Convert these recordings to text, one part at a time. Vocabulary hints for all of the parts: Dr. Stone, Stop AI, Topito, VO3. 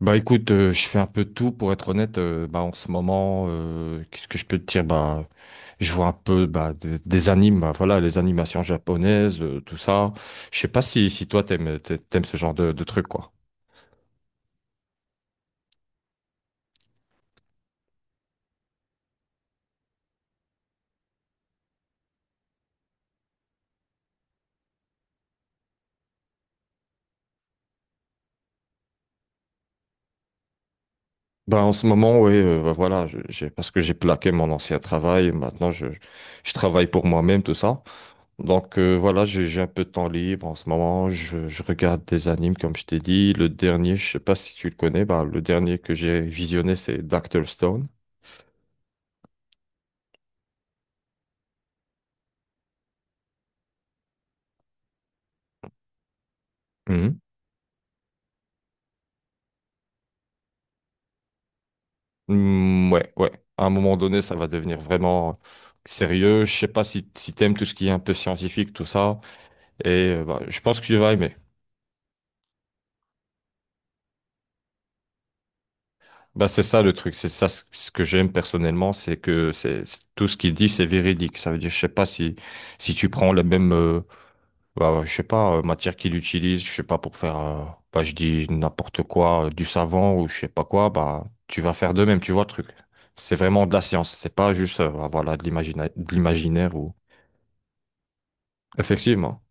Bah écoute, je fais un peu de tout pour être honnête. Bah en ce moment, qu'est-ce que je peux te dire? Bah je vois un peu, bah, des animes, bah, voilà, les animations japonaises, tout ça. Je sais pas si toi t'aimes ce genre de trucs, quoi. Bah en ce moment, ouais, bah, voilà, j'ai, parce que j'ai plaqué mon ancien travail. Maintenant, je travaille pour moi-même, tout ça. Donc, voilà, j'ai un peu de temps libre en ce moment. Je regarde des animes comme je t'ai dit. Le dernier, je sais pas si tu le connais, bah le dernier que j'ai visionné, c'est Dr. Stone. Mhm. Mm, ouais, ouais. À un moment donné, ça va devenir vraiment sérieux. Je sais pas si t'aimes tout ce qui est un peu scientifique, tout ça. Et bah, je pense que tu vas aimer. Bah, c'est ça le truc. C'est ça ce que j'aime personnellement, c'est que tout ce qu'il dit, c'est véridique. Ça veut dire, je sais pas si tu prends la même, bah, je sais pas, matière qu'il utilise, je sais pas pour faire, bah, je dis n'importe quoi, du savon ou je sais pas quoi, bah, tu vas faire de même. Tu vois le truc. C'est vraiment de la science. C'est pas juste, voilà, de l'imaginaire ou. Effectivement.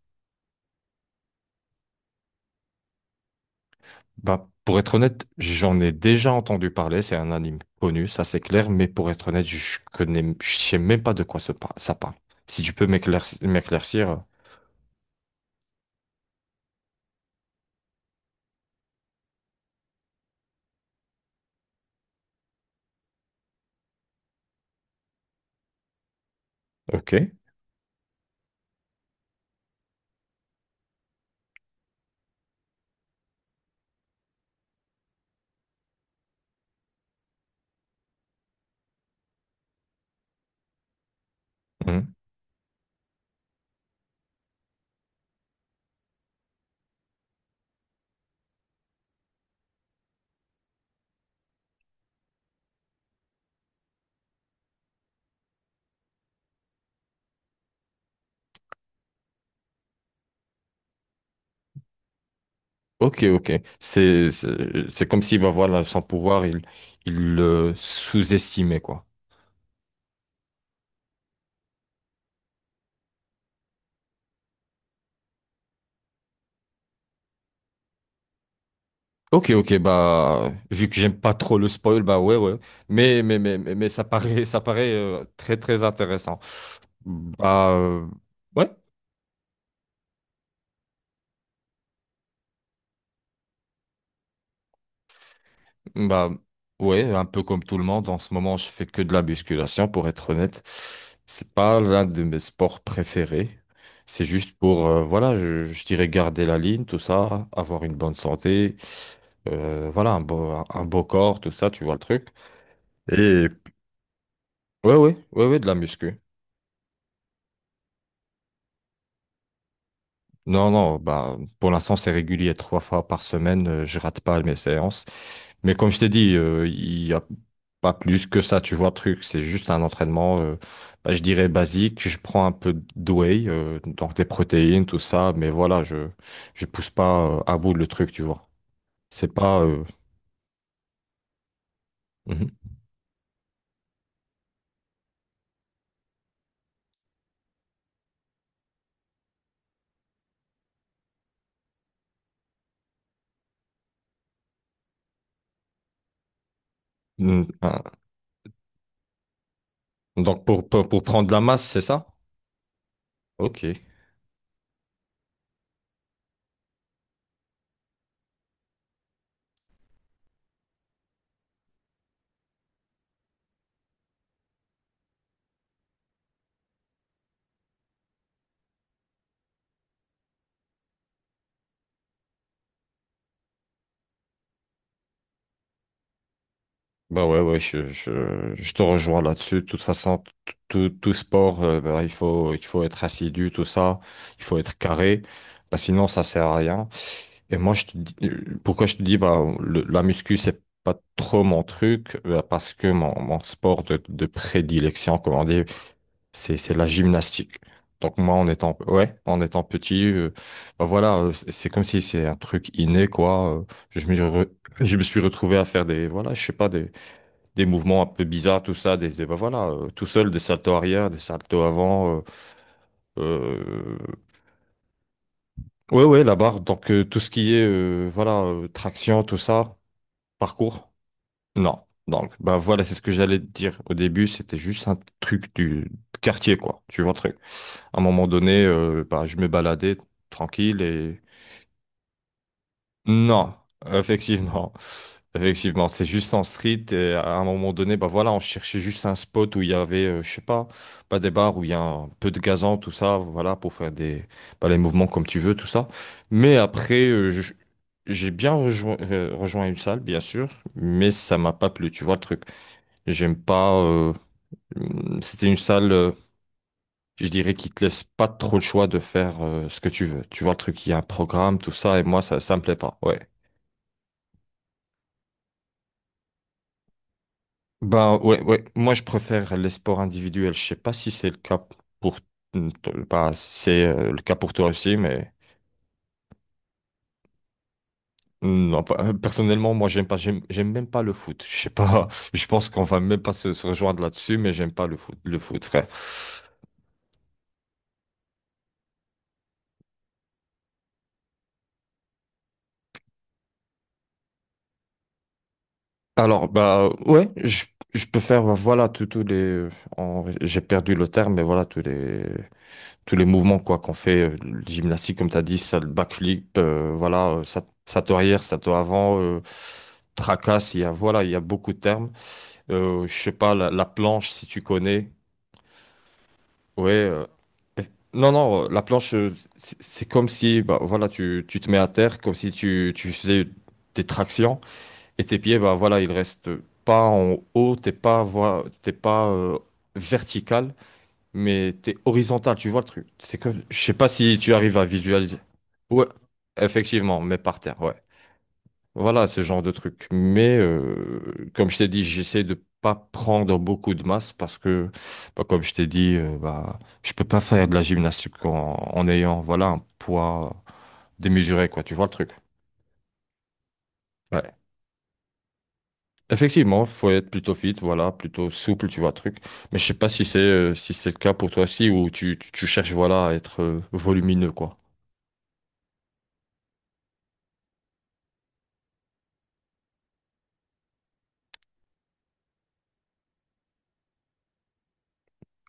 Bah, pour être honnête, j'en ai déjà entendu parler. C'est un anime connu, ça, c'est clair. Mais pour être honnête, je connais, je sais même pas de quoi ça parle. Si tu peux m'éclaircir. Ok. Mhm. Ok, ok. C'est comme si, bah voilà, sans pouvoir, il le sous-estimait, quoi. Ok, ok, bah, vu que j'aime pas trop le spoil, bah ouais, ouais. Mais ça paraît très, très intéressant. Bah, ouais. Bah ouais, un peu comme tout le monde, en ce moment je fais que de la musculation pour être honnête. C'est pas l'un de mes sports préférés. C'est juste pour, voilà, je dirais garder la ligne, tout ça, avoir une bonne santé, voilà, un beau corps, tout ça, tu vois le truc. Et ouais, ouais, ouais, ouais, de la muscu. Non, non, bah, pour l'instant, c'est régulier. 3 fois par semaine, je rate pas mes séances. Mais comme je t'ai dit, il y a pas plus que ça, tu vois, le truc. C'est juste un entraînement, bah, je dirais basique. Je prends un peu de whey, donc des protéines, tout ça. Mais voilà, je pousse pas, à bout le truc, tu vois. C'est pas, mhm. Mm, ah. Donc, pour prendre de la masse, c'est ça? Ok. Bah ouais, ouais, je te rejoins là-dessus. De toute façon, tout sport, bah, il faut être assidu, tout ça. Il faut être carré. Bah, sinon, ça sert à rien. Et moi, je te dis, pourquoi je te dis, bah, la muscu, c'est pas trop mon truc, bah, parce que mon sport de prédilection, comme on dit, c'est la gymnastique. Donc moi, en étant, ouais, en étant petit, bah voilà, c'est comme si c'est un truc inné, quoi. Je me, re- je me suis retrouvé à faire des, voilà, je sais pas, des mouvements un peu bizarres, tout ça, bah voilà, tout seul, des saltos arrière, des saltos avant. euh, euh, ouais, ouais, la barre. Donc, tout ce qui est, voilà, traction, tout ça, parcours, non. Donc, bah voilà, c'est ce que j'allais te dire. Au début, c'était juste un truc du quartier, quoi. Tu vois, un truc. À un moment donné, bah, je me baladais tranquille et... Non, effectivement. Effectivement, c'est juste en street et à un moment donné, bah voilà, on cherchait juste un spot où il y avait, je sais pas, pas des bars où il y a un peu de gazon, tout ça, voilà, pour faire des, bah, les mouvements comme tu veux, tout ça. Mais après, j'ai bien rejoint une salle, bien sûr, mais ça m'a pas plu, tu vois le truc. J'aime pas, c'était une salle, je dirais, qui te laisse pas trop le choix de faire, ce que tu veux. Tu vois le truc, il y a un programme, tout ça, et moi, ça me plaît pas, ouais. Ben ouais, ouais. Moi, je préfère les sports individuels. Je sais pas si c'est le cas pour... bah, c'est, le cas pour toi aussi, mais non, personnellement, moi, j'aime pas, j'aime même pas le foot. Je sais pas. Je pense qu'on va même pas se rejoindre là-dessus, mais j'aime pas le foot, le foot, frère. Alors, bah ouais, je peux faire, bah, voilà, tous les. J'ai perdu le terme, mais voilà, tous les. Tous les mouvements quoi qu'on fait, le gymnastique comme tu as dit, ça, le backflip, voilà, ça, ça te arrière, ça te avant, tracasse, il y a, voilà, il y a beaucoup de termes. Je sais pas, la planche, si tu connais, ouais. Eh, non, non, la planche, c'est comme si, bah, voilà, tu te mets à terre, comme si tu faisais des tractions, et tes pieds, bah, voilà, ils restent pas en haut, t'es pas, t'es pas, vertical, mais t'es horizontal, tu vois le truc. C'est que je sais pas si tu arrives à visualiser. Ouais, effectivement, mais par terre, ouais. Voilà ce genre de truc. Mais comme je t'ai dit, j'essaie de pas prendre beaucoup de masse parce que, bah, comme je t'ai dit, bah, je peux pas faire de la gymnastique en ayant, voilà, un poids démesuré, quoi. Tu vois le truc. Ouais. Effectivement, faut être plutôt fit, voilà, plutôt souple, tu vois le truc. Mais je sais pas si c'est, si c'est le cas pour toi aussi, ou tu cherches, voilà, à être, volumineux, quoi.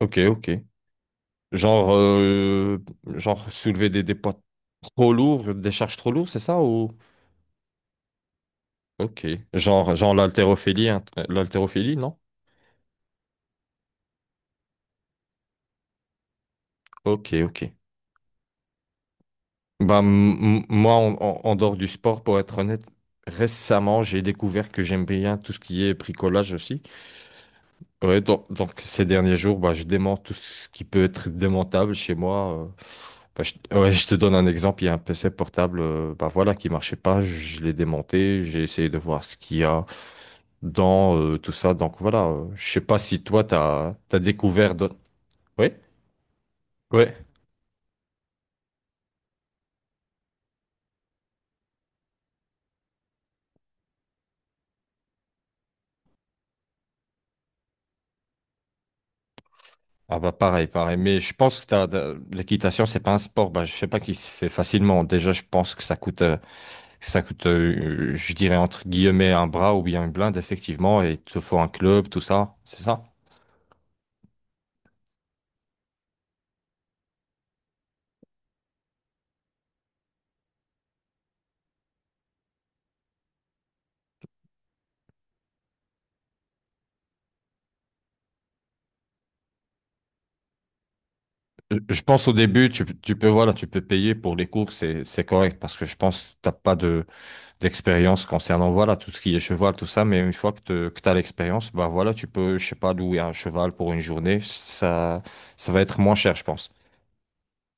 Ok, ok. Genre, genre soulever des poids trop lourds, des charges trop lourdes, c'est ça ou... Ok. Genre, genre l'haltérophilie, hein, l'haltérophilie, non? Ok, ok. Bah, moi, en dehors du sport, pour être honnête, récemment, j'ai découvert que j'aime bien tout ce qui est bricolage aussi. Ouais, donc ces derniers jours, bah, je démonte tout ce qui peut être démontable chez moi. Bah, ouais, je te donne un exemple, il y a un PC portable, bah, voilà, qui marchait pas, je l'ai démonté, j'ai essayé de voir ce qu'il y a dans, tout ça. Donc voilà, je sais pas si toi, tu as découvert... Oui, oui. Ah bah pareil, pareil. Mais je pense que l'équitation, c'est pas un sport, bah, je sais pas, qui se fait facilement. Déjà, je pense que ça coûte... Ça coûte, je dirais, entre guillemets, un bras ou bien une blinde, effectivement, et il te faut un club, tout ça, c'est ça? Je pense, au début, tu peux, voilà, tu peux payer pour les cours, c'est correct, parce que je pense que t'as pas d'expérience concernant, voilà, tout ce qui est cheval, tout ça, mais une fois que tu as l'expérience, bah voilà, tu peux, je sais pas, louer un cheval pour une journée, ça va être moins cher, je pense.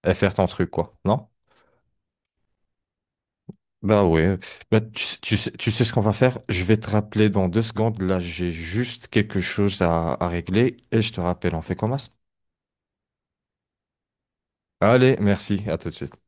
Et faire ton truc, quoi, non? Bah ouais, bah, tu sais ce qu'on va faire? Je vais te rappeler dans 2 secondes. Là, j'ai juste quelque chose à régler et je te rappelle, on fait comme ça? Allez, merci, à tout de suite.